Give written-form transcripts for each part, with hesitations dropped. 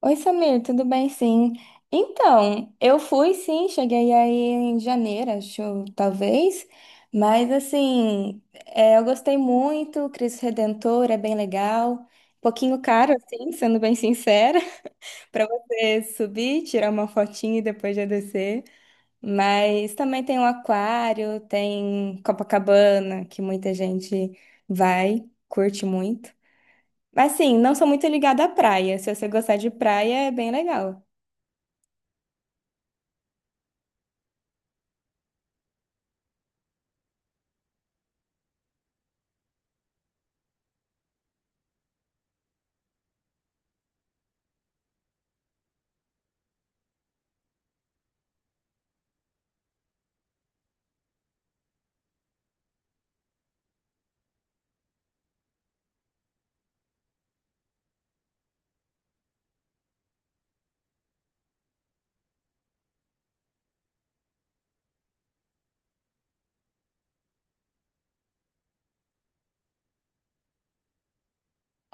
Oi, Samir, tudo bem? Sim. Então, eu fui sim, cheguei aí em janeiro, acho, talvez, mas assim, eu gostei muito, Cristo Redentor é bem legal, um pouquinho caro, assim, sendo bem sincera, para você subir, tirar uma fotinha e depois já descer, mas também tem o aquário, tem Copacabana, que muita gente vai, curte muito. Mas assim, não sou muito ligada à praia, se você gostar de praia é bem legal.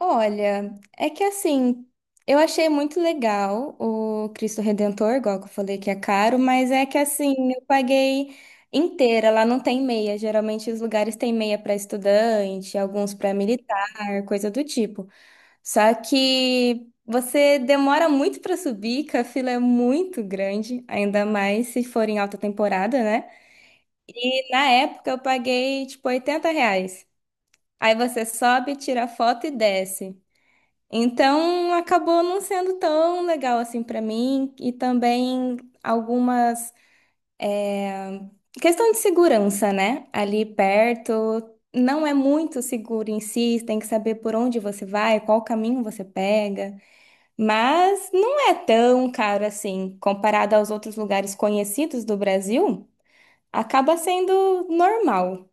Olha, é que assim, eu achei muito legal o Cristo Redentor, igual que eu falei que é caro, mas é que assim, eu paguei inteira, lá não tem meia. Geralmente os lugares têm meia para estudante, alguns para militar, coisa do tipo. Só que você demora muito para subir, que a fila é muito grande, ainda mais se for em alta temporada, né? E na época eu paguei tipo R$ 80. Aí você sobe, tira foto e desce. Então acabou não sendo tão legal assim pra mim e também algumas questão de segurança, né? Ali perto não é muito seguro em si, tem que saber por onde você vai, qual caminho você pega, mas não é tão caro assim comparado aos outros lugares conhecidos do Brasil, acaba sendo normal.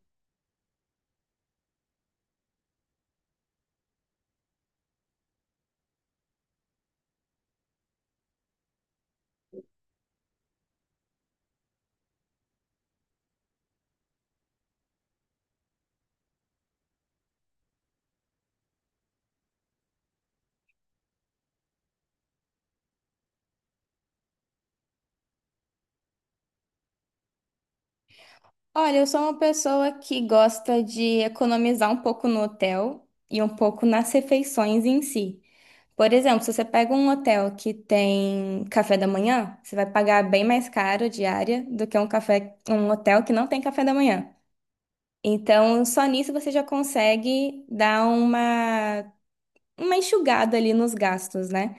Olha, eu sou uma pessoa que gosta de economizar um pouco no hotel e um pouco nas refeições em si. Por exemplo, se você pega um hotel que tem café da manhã, você vai pagar bem mais caro a diária do que um café, um hotel que não tem café da manhã. Então, só nisso você já consegue dar uma enxugada ali nos gastos, né?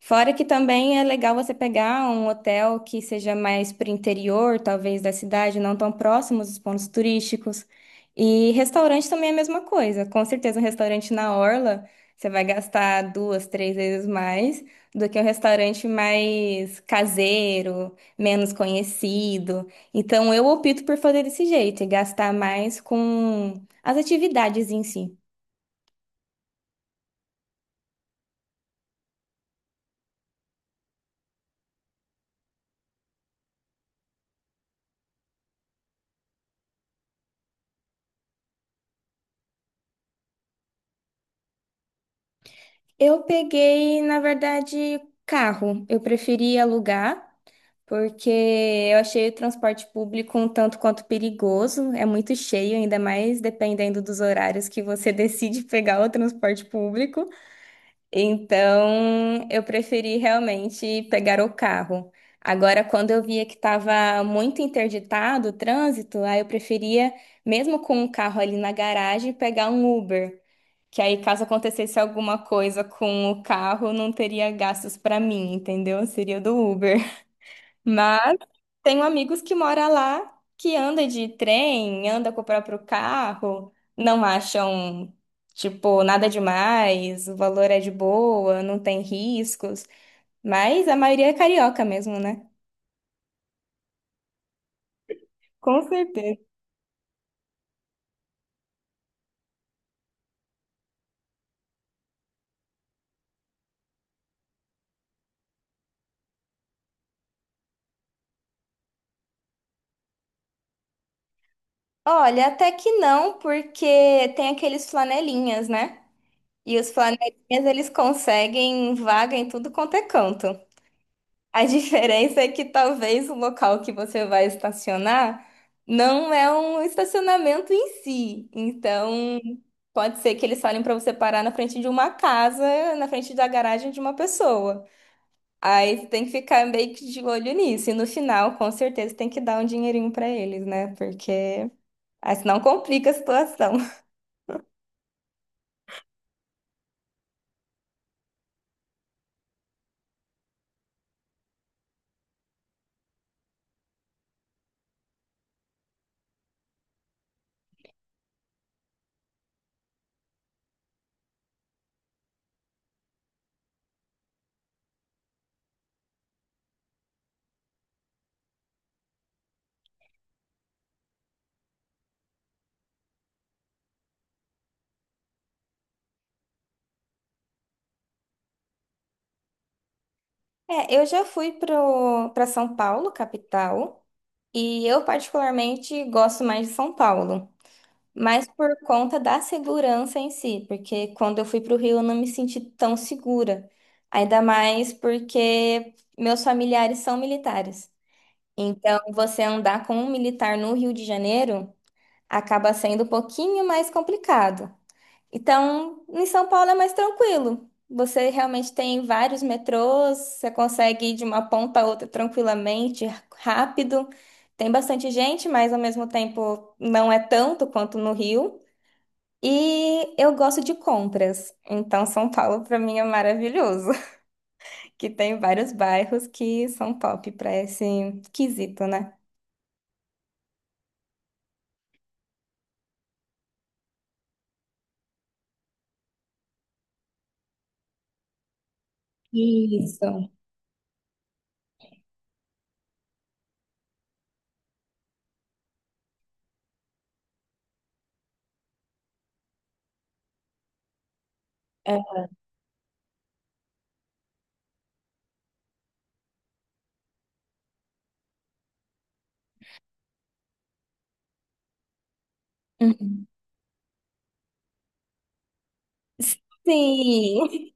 Fora que também é legal você pegar um hotel que seja mais para o interior, talvez da cidade, não tão próximos dos pontos turísticos. E restaurante também é a mesma coisa. Com certeza, um restaurante na orla, você vai gastar duas, três vezes mais do que um restaurante mais caseiro, menos conhecido. Então, eu opto por fazer desse jeito e gastar mais com as atividades em si. Eu peguei, na verdade, carro. Eu preferi alugar, porque eu achei o transporte público um tanto quanto perigoso, é muito cheio, ainda mais dependendo dos horários que você decide pegar o transporte público. Então, eu preferi realmente pegar o carro. Agora, quando eu via que estava muito interditado o trânsito, aí eu preferia, mesmo com o carro ali na garagem, pegar um Uber. Que aí, caso acontecesse alguma coisa com o carro, não teria gastos para mim, entendeu? Seria do Uber. Mas tenho amigos que moram lá, que anda de trem, anda com o próprio carro, não acham, tipo, nada demais, o valor é de boa, não tem riscos, mas a maioria é carioca mesmo, né? Com certeza. Olha, até que não, porque tem aqueles flanelinhas, né? E os flanelinhas, eles conseguem vaga em tudo quanto é canto. A diferença é que talvez o local que você vai estacionar não é um estacionamento em si. Então, pode ser que eles falem para você parar na frente de uma casa, na frente da garagem de uma pessoa. Aí você tem que ficar meio que de olho nisso. E no final, com certeza, tem que dar um dinheirinho para eles, né? Porque aí senão complica a situação. É, eu já fui pro, para São Paulo, capital, e eu particularmente gosto mais de São Paulo. Mas por conta da segurança em si, porque quando eu fui para o Rio eu não me senti tão segura. Ainda mais porque meus familiares são militares. Então, você andar com um militar no Rio de Janeiro acaba sendo um pouquinho mais complicado. Então, em São Paulo é mais tranquilo. Você realmente tem vários metrôs, você consegue ir de uma ponta a outra tranquilamente, rápido. Tem bastante gente, mas ao mesmo tempo não é tanto quanto no Rio. E eu gosto de compras, então São Paulo para mim é maravilhoso, que tem vários bairros que são top para esse quesito, né? Isso. É. Uhum. Sim!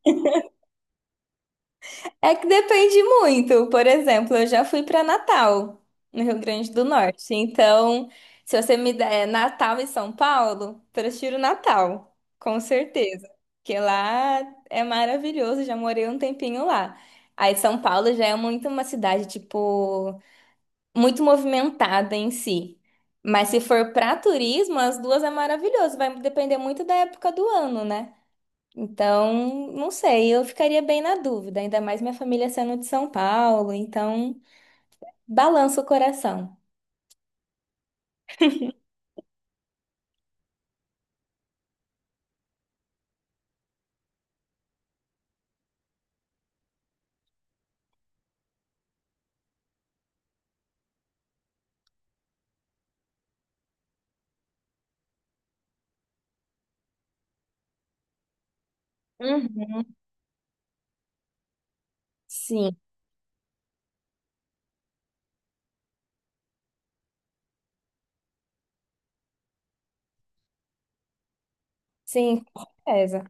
É que depende muito. Por exemplo, eu já fui para Natal, no Rio Grande do Norte. Então, se você me der Natal e São Paulo, prefiro Natal, com certeza. Porque lá é maravilhoso, já morei um tempinho lá. Aí São Paulo já é muito uma cidade, tipo, muito movimentada em si. Mas se for para turismo, as duas é maravilhoso. Vai depender muito da época do ano, né? Então, não sei, eu ficaria bem na dúvida, ainda mais minha família sendo de São Paulo, então balança o coração. Uhum. Sim, sim, com certeza.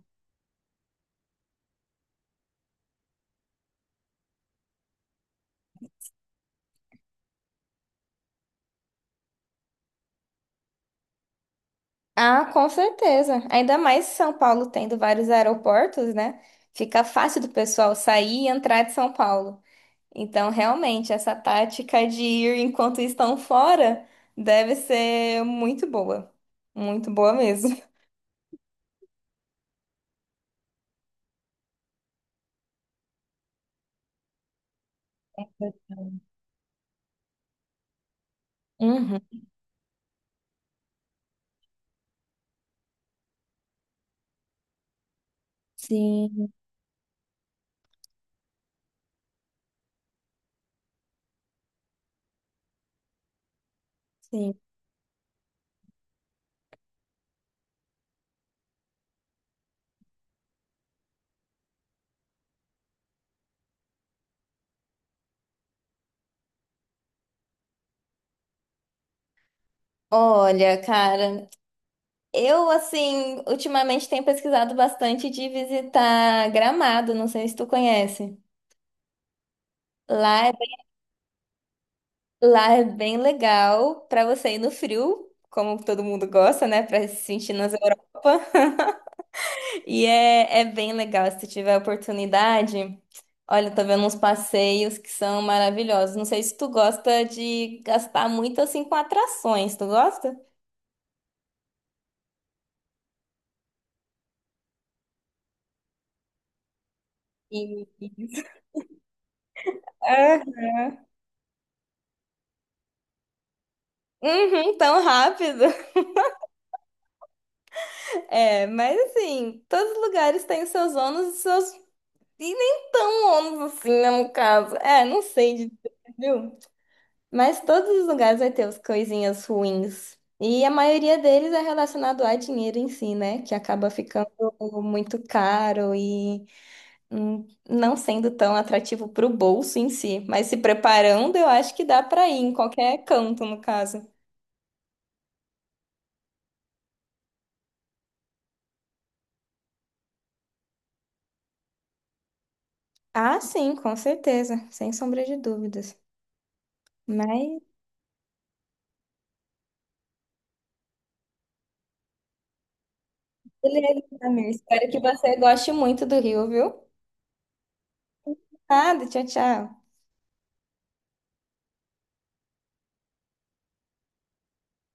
Ah, com certeza. Ainda mais São Paulo tendo vários aeroportos, né? Fica fácil do pessoal sair e entrar de São Paulo. Então, realmente, essa tática de ir enquanto estão fora deve ser muito boa. Muito boa mesmo. Uhum. Sim, sim. Olha, cara. Ultimamente tenho pesquisado bastante de visitar Gramado, não sei se tu conhece. Lá é, lá é bem legal para você ir no frio, como todo mundo gosta, né? Para se sentir nas Europa. E é bem legal, se tu tiver oportunidade. Olha, eu tô vendo uns passeios que são maravilhosos. Não sei se tu gosta de gastar muito assim com atrações, tu gosta? E- Ah, uhum, tão rápido. É, mas assim, todos os lugares têm os seus ônus e seus. E nem tão ônus assim, né, no caso. É, não sei dizer, viu? Mas todos os lugares vai ter as coisinhas ruins. E a maioria deles é relacionado a dinheiro em si, né? Que acaba ficando muito caro e não sendo tão atrativo pro bolso em si. Mas se preparando, eu acho que dá pra ir em qualquer canto, no caso. Ah, sim, com certeza, sem sombra de dúvidas. Mas. Beleza, Samir. Espero que você goste muito do Rio, viu? Ah, tchau, tchau.